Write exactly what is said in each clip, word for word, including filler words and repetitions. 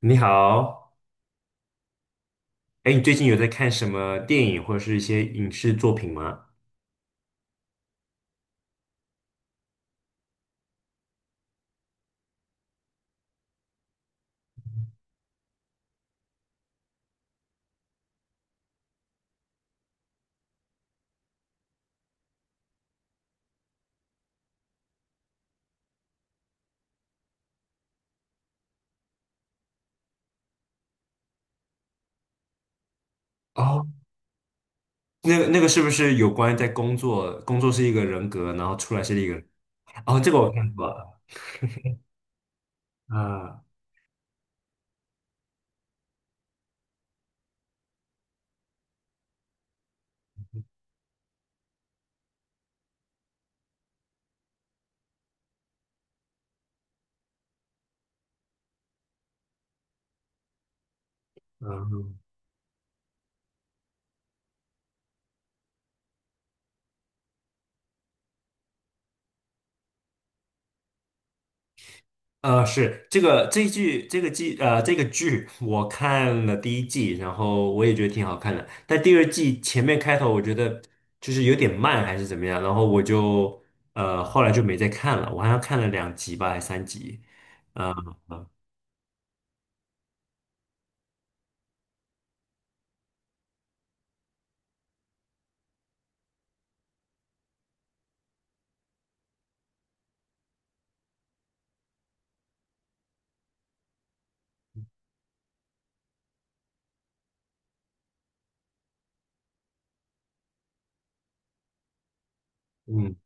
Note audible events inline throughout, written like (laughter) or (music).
你好。哎，你最近有在看什么电影或者是一些影视作品吗？哦，那个那个是不是有关在工作？工作是一个人格，然后出来是一个人。哦，这个我看过了。啊、嗯。呃，是这个这一剧这个季呃这个剧我看了第一季，然后我也觉得挺好看的，但第二季前面开头我觉得就是有点慢还是怎么样，然后我就呃后来就没再看了，我好像看了两集吧，还三集。呃嗯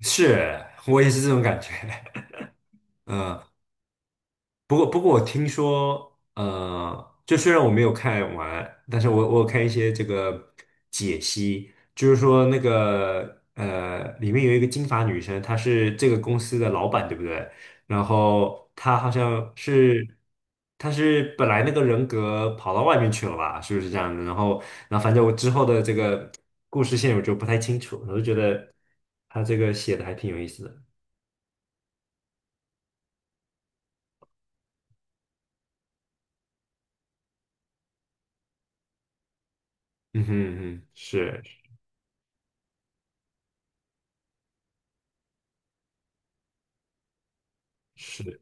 是，我也是这种感觉。(laughs) 嗯。不过，不过我听说，呃，就虽然我没有看完，但是我我有看一些这个解析，就是说那个呃，里面有一个金发女生，她是这个公司的老板，对不对？然后她好像是，她是本来那个人格跑到外面去了吧？是不是这样的？然后，然后反正我之后的这个故事线我就不太清楚，我就觉得她这个写的还挺有意思的。嗯哼嗯哼，是是。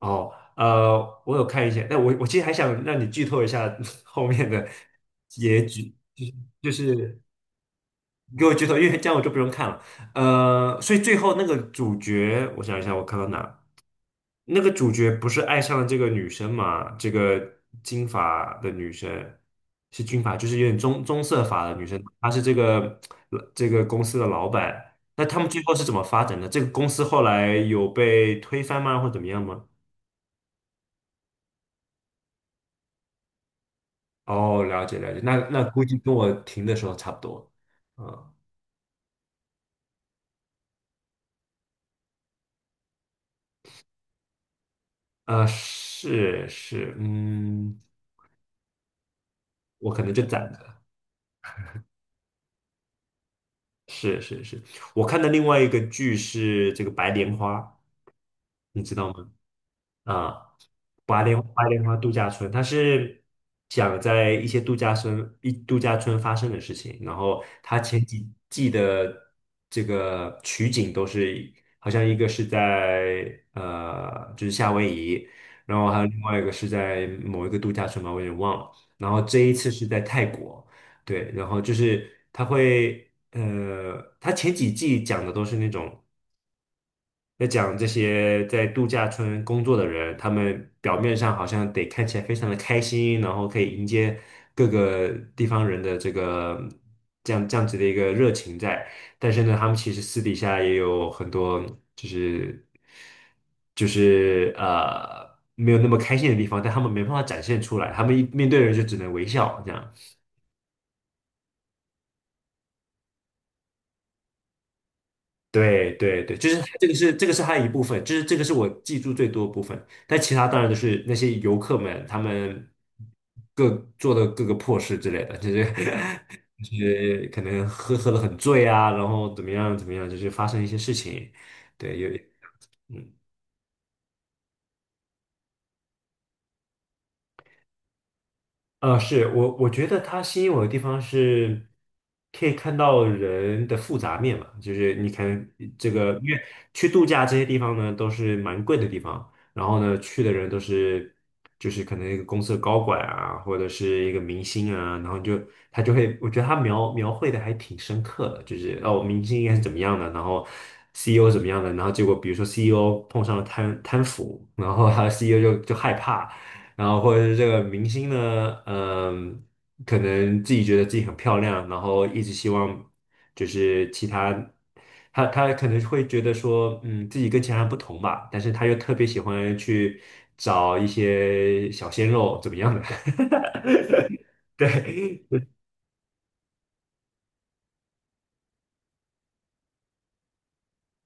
哦，呃，我有看一些，但我我其实还想让你剧透一下 (laughs) 后面的结局，就是就是你给我剧透，因为这样我就不用看了。呃，所以最后那个主角，我想一下，我看到哪？那个主角不是爱上了这个女生嘛？这个金发的女生是金发，就是有点棕棕色发的女生，她是这个这个公司的老板。那他们最后是怎么发展的？这个公司后来有被推翻吗，或怎么样吗？哦，了解了解，那那估计跟我停的时候差不多。嗯。啊，是是，嗯，我可能就攒着。是是是，我看的另外一个剧是这个《白莲花》，你知道吗？啊。白莲白莲花度假村，它是讲在一些度假村一度假村发生的事情，然后它前几季的这个取景都是好像一个是在呃就是夏威夷，然后还有另外一个是在某一个度假村吧，我有点忘了，然后这一次是在泰国。对，然后就是它会呃，它前几季讲的都是那种。在讲这些在度假村工作的人，他们表面上好像得看起来非常的开心，然后可以迎接各个地方人的这个这样这样子的一个热情在，但是呢，他们其实私底下也有很多就是就是呃没有那么开心的地方，但他们没办法展现出来，他们一面对人就只能微笑这样。对对对，就是这个是这个是它的一部分，就是这个是我记住最多的部分。但其他当然都是那些游客们他们各做的各个破事之类的，就是 (laughs) 就是可能喝喝的很醉啊，然后怎么样怎么样，就是发生一些事情。对，有。嗯。呃，是我我觉得它吸引我的地方是，可以看到人的复杂面嘛，就是你看这个，因为去度假这些地方呢都是蛮贵的地方，然后呢去的人都是就是可能一个公司的高管啊，或者是一个明星啊，然后你就他就会，我觉得他描描绘的还挺深刻的，就是哦，明星应该是怎么样的，然后 C E O 怎么样的，然后结果比如说 C E O 碰上了贪贪腐，然后他 C E O 就就害怕。然后或者是这个明星呢，嗯，可能自己觉得自己很漂亮，然后一直希望就是其他，他他可能会觉得说，嗯，自己跟其他人不同吧，但是他又特别喜欢去找一些小鲜肉怎么样的。(laughs) 对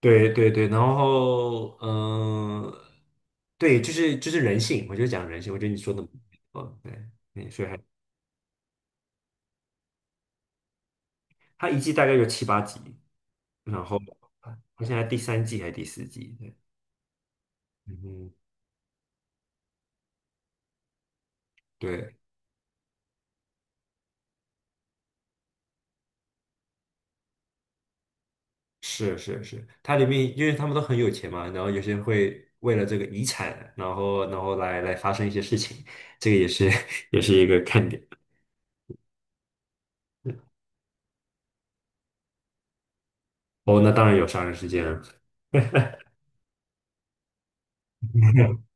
对对对，然后嗯、呃对，就是就是人性，我就讲人性，我觉得你说的，嗯，对。他一季大概有七八集，然后好像还第三季还是第四季，对。嗯哼。对，是是是，它里面因为他们都很有钱嘛，然后有些人会为了这个遗产，然后然后来来发生一些事情，这个也是 (laughs) 也是一个看点。哦，那当然有杀人事件了。(laughs)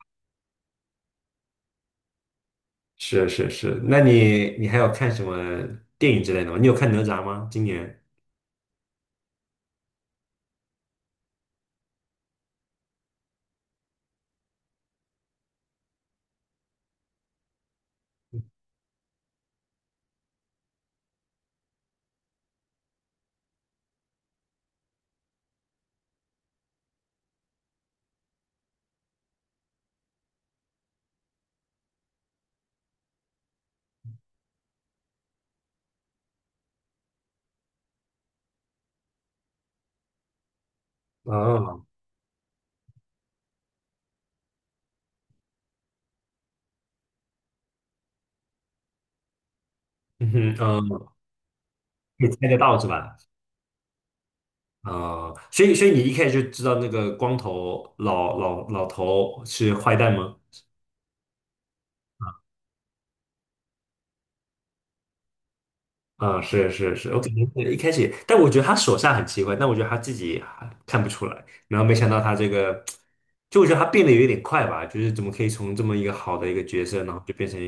是是是，那你你还有看什么电影之类的吗？你有看哪吒吗？今年？哦，嗯哼，嗯，可以猜得到是吧？哦，所以所以你一开始就知道那个光头老老老头是坏蛋吗？啊、是是是，我可能是一开始，但我觉得他手下很奇怪，但我觉得他自己还看不出来，然后没想到他这个，就我觉得他变得有点快吧，就是怎么可以从这么一个好的一个角色，然后就变成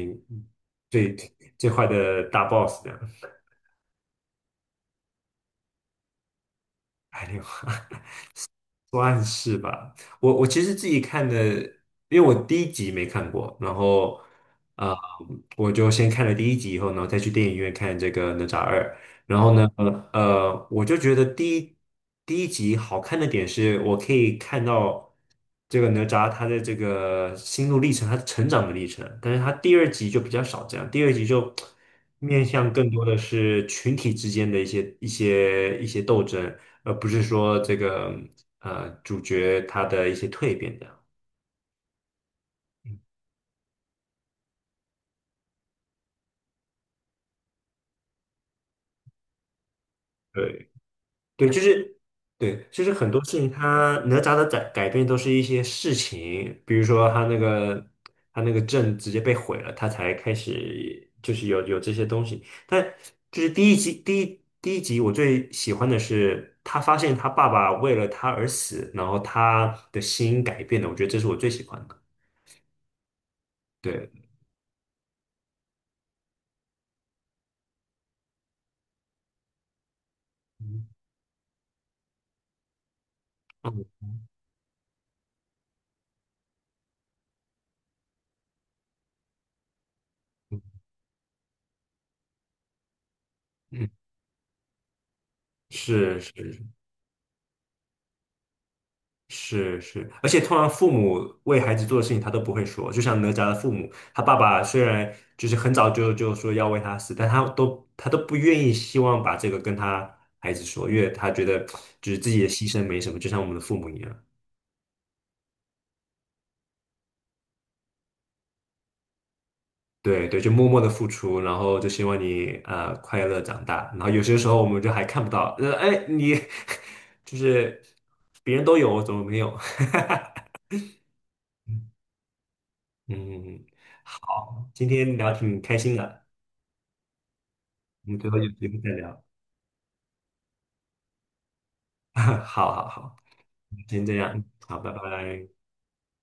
最最坏的大 boss 这样。哎呦。(laughs) 算是吧。我我其实自己看的，因为我第一集没看过，然后啊呃我就先看了第一集以后，然后再去电影院看这个《哪吒二》。然后呢，呃，我就觉得第一第一集好看的点是，我可以看到这个哪吒他的这个心路历程，他成长的历程。但是他第二集就比较少这样，第二集就面向更多的是群体之间的一些一些一些斗争。而不是说这个呃主角他的一些蜕变这样。对对，就是对，就是很多事情他哪吒的改改变都是一些事情，比如说他那个他那个阵直接被毁了，他才开始就是有有这些东西。但就是第一集第一第一集我最喜欢的是他发现他爸爸为了他而死，然后他的心改变了，我觉得这是我最喜欢的。对，嗯嗯，嗯。是是。是是，而且通常父母为孩子做的事情他都不会说，就像哪吒的父母，他爸爸虽然就是很早就就说要为他死，但他都他都不愿意希望把这个跟他孩子说，因为他觉得就是自己的牺牲没什么，就像我们的父母一样。对对，就默默的付出，然后就希望你呃快乐长大，然后有些时候我们就还看不到，呃哎你 (laughs) 就是别人都有，我怎么没有？(laughs) 嗯。嗯嗯。好，今天聊挺开心的，我们最后有机会再聊。(laughs) 好好好，先这样，好，拜拜。